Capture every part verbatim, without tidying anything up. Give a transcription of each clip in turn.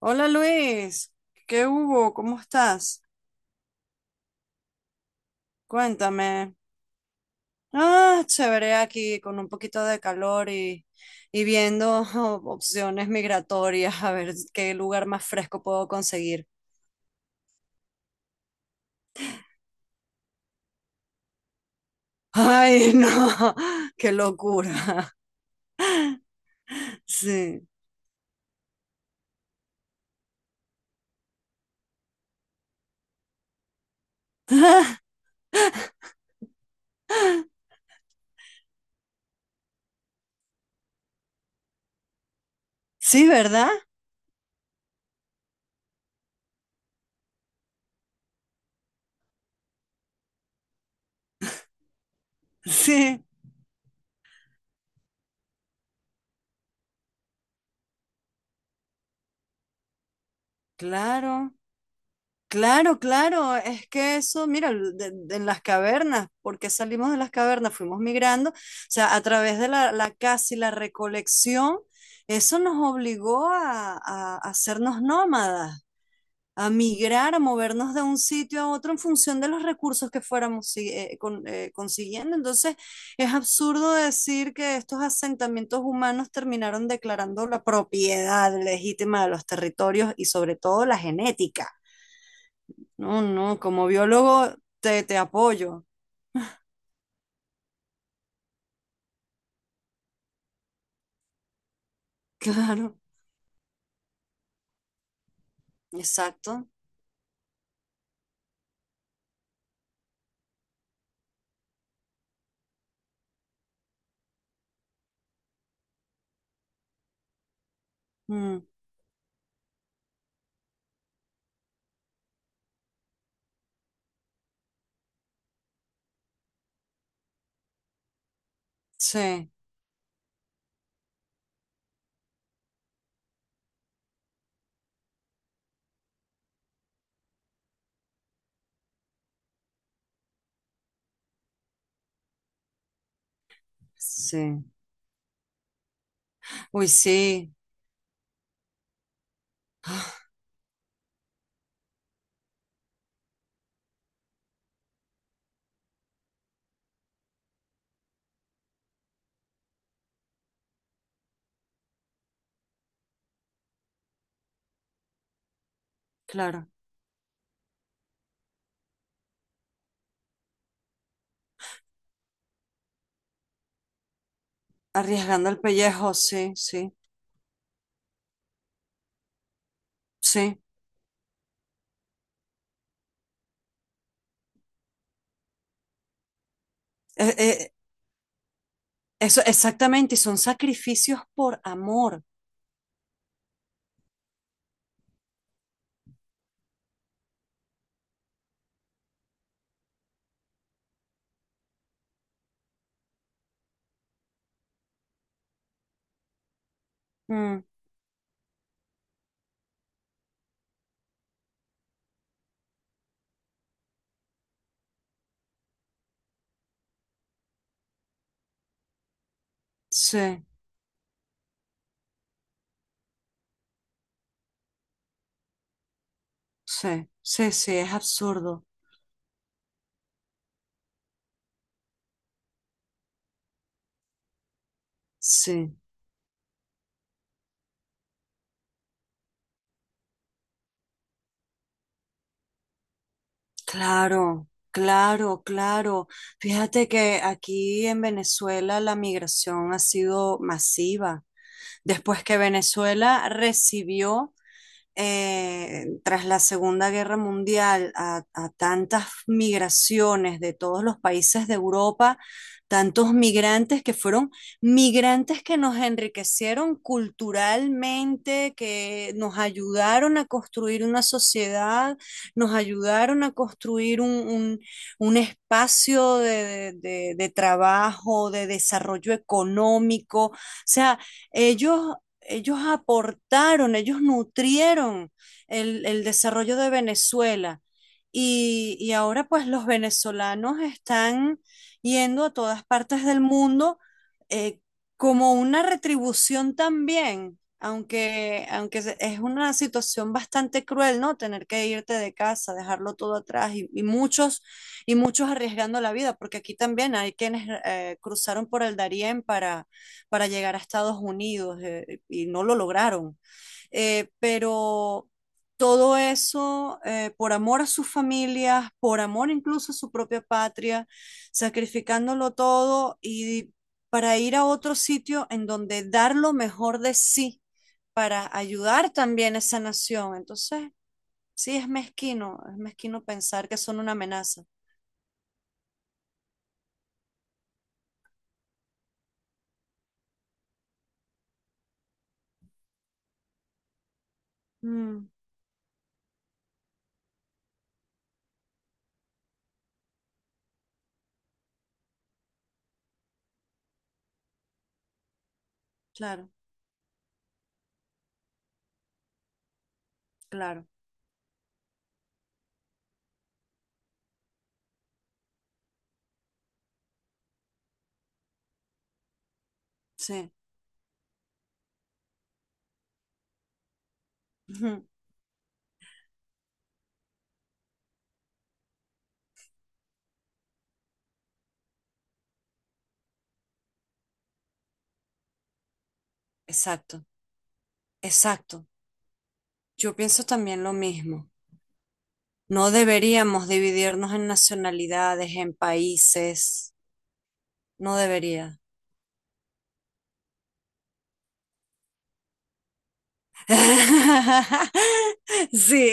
Hola Luis, ¿qué hubo? ¿Cómo estás? Cuéntame. Ah, chévere aquí con un poquito de calor y, y viendo opciones migratorias, a ver qué lugar más fresco puedo conseguir. Ay, no, qué locura. Sí. Sí, ¿verdad? Sí, claro. Claro, claro, es que eso, mira, l- de- de- en las cavernas, ¿porque salimos de las cavernas? Fuimos migrando, o sea, a través de la, la caza y la recolección, eso nos obligó a, a- a hacernos nómadas, a migrar, a movernos de un sitio a otro en función de los recursos que fuéramos si- eh, con- eh, consiguiendo. Entonces, es absurdo decir que estos asentamientos humanos terminaron declarando la propiedad legítima de los territorios y sobre todo la genética. No, no, como biólogo te, te apoyo. Claro, exacto. Mm, sí, sí. Uy, sí, claro. Arriesgando el pellejo, sí, sí, sí. Eh, eh, eso exactamente, y son sacrificios por amor. Mm, sí, sí, sí, sí, es absurdo. Sí. Claro, claro, claro. Fíjate que aquí en Venezuela la migración ha sido masiva. Después que Venezuela recibió eh, tras la Segunda Guerra Mundial a, a tantas migraciones de todos los países de Europa, tantos migrantes que fueron migrantes que nos enriquecieron culturalmente, que nos ayudaron a construir una sociedad, nos ayudaron a construir un, un- un espacio de, de- de- de trabajo, de desarrollo económico. O sea, ellos ellos aportaron, ellos nutrieron el, el desarrollo de Venezuela. Y, y ahora pues los venezolanos están yendo a todas partes del mundo eh, como una retribución también, aunque, aunque se- es una situación bastante cruel, ¿no? Tener que irte de casa, dejarlo todo atrás y, y muchos, y muchos arriesgando la vida, porque aquí también hay quienes eh, cruzaron por el Darién para para llegar a Estados Unidos eh, y no lo lograron. Eh, pero todo eso, eh, por amor a sus familias, por amor incluso a su propia patria, sacrificándolo todo y para ir a otro sitio en donde dar lo mejor de sí, para ayudar también a esa nación. Entonces, sí, es mezquino, es mezquino pensar que son una amenaza. Mm, claro, claro, sí. Ujú. Exacto, exacto. Yo pienso también lo mismo. No deberíamos dividirnos en nacionalidades, en países. No debería. Sí,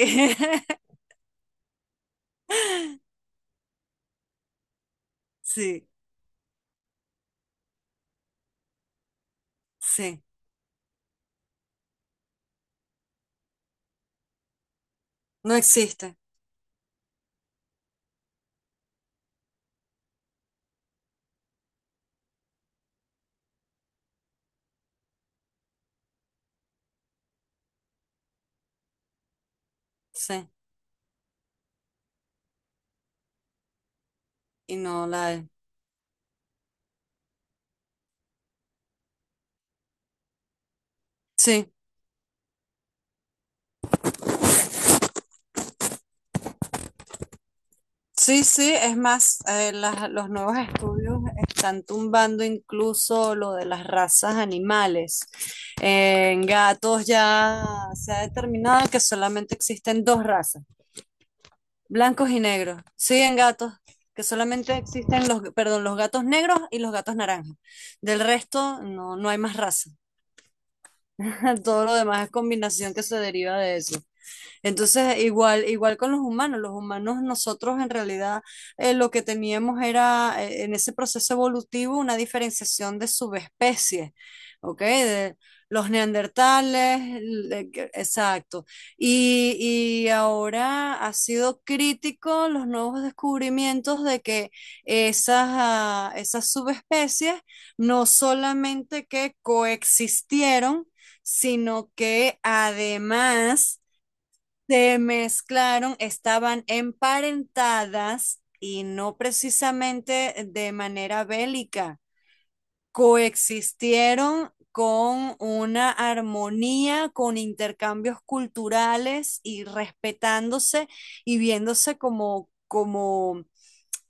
sí, sí. No existe. Sí. Y no la hay. Sí, sí, sí. Es más, eh, las- los nuevos estudios están tumbando incluso lo de las razas animales. En gatos ya se ha determinado que solamente existen dos razas. Blancos y negros. Siguen gatos, que solamente existen los, perdón, los gatos negros y los gatos naranjas. Del resto, no, no hay más raza. Todo lo demás es combinación que se deriva de eso. Entonces, igual, igual con los humanos, los humanos nosotros en realidad eh, lo que teníamos era eh, en ese proceso evolutivo una diferenciación de subespecies, ¿ok? De los neandertales, l- que- exacto. Y, y ahora ha sido crítico los nuevos descubrimientos de que esas, ah, esas subespecies no solamente que coexistieron, sino que además se mezclaron, estaban emparentadas y no precisamente de manera bélica. Coexistieron con una armonía, con intercambios culturales y respetándose y viéndose como, como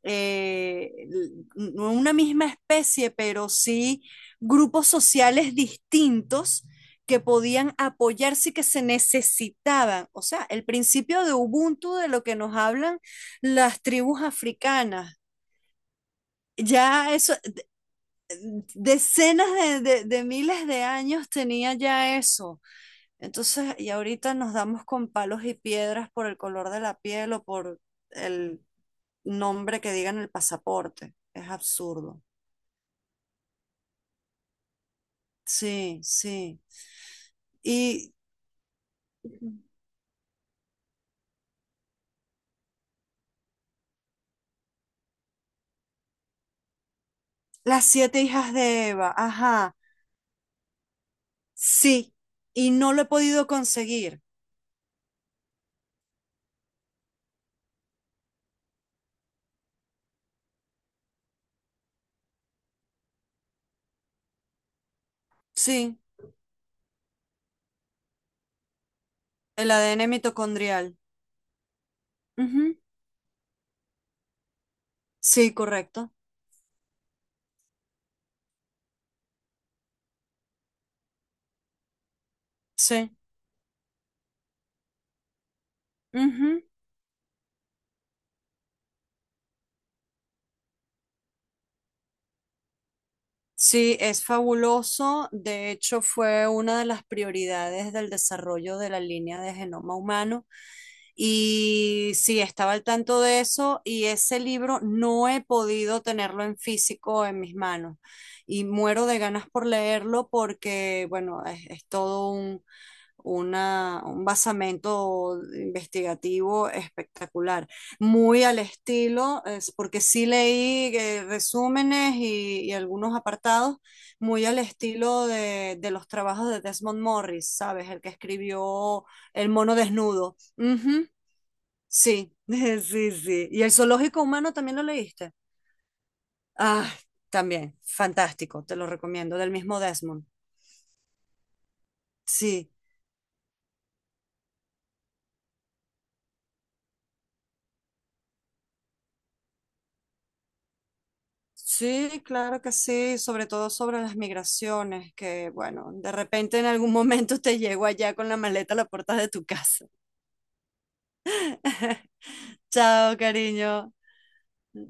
eh, no una misma especie, pero sí grupos sociales distintos que podían apoyarse y que se necesitaban. O sea, el principio de Ubuntu de lo que nos hablan las tribus africanas. Ya eso, decenas de, de, de miles de años tenía ya eso. Entonces, y ahorita nos damos con palos y piedras por el color de la piel o por el nombre que diga en el pasaporte. Es absurdo. Sí, sí. Y las siete hijas de Eva, ajá, sí. Y no lo he podido conseguir. Sí, el A D N mitocondrial. Ujú. Sí, correcto. Sí. Ujú. Sí, es fabuloso. De hecho, fue una de las prioridades del desarrollo de la línea de genoma humano. Y sí, estaba al tanto de eso y ese libro no he podido tenerlo en físico en mis manos. Y muero de ganas por leerlo porque, bueno, es, es todo una, un basamento investigativo espectacular, muy al estilo, es porque sí leí eh, resúmenes y, y algunos apartados, muy al estilo de, de los trabajos de Desmond Morris, ¿sabes? El que escribió El mono desnudo. Ujú. Sí, sí, sí. ¿Y el zoológico humano también lo leíste? Ah, también, fantástico, te lo recomiendo, del mismo Desmond. Sí. Sí, claro que sí, sobre todo sobre las migraciones, que bueno, de repente en algún momento te llego allá con la maleta a la puerta de tu casa. Chao, cariño.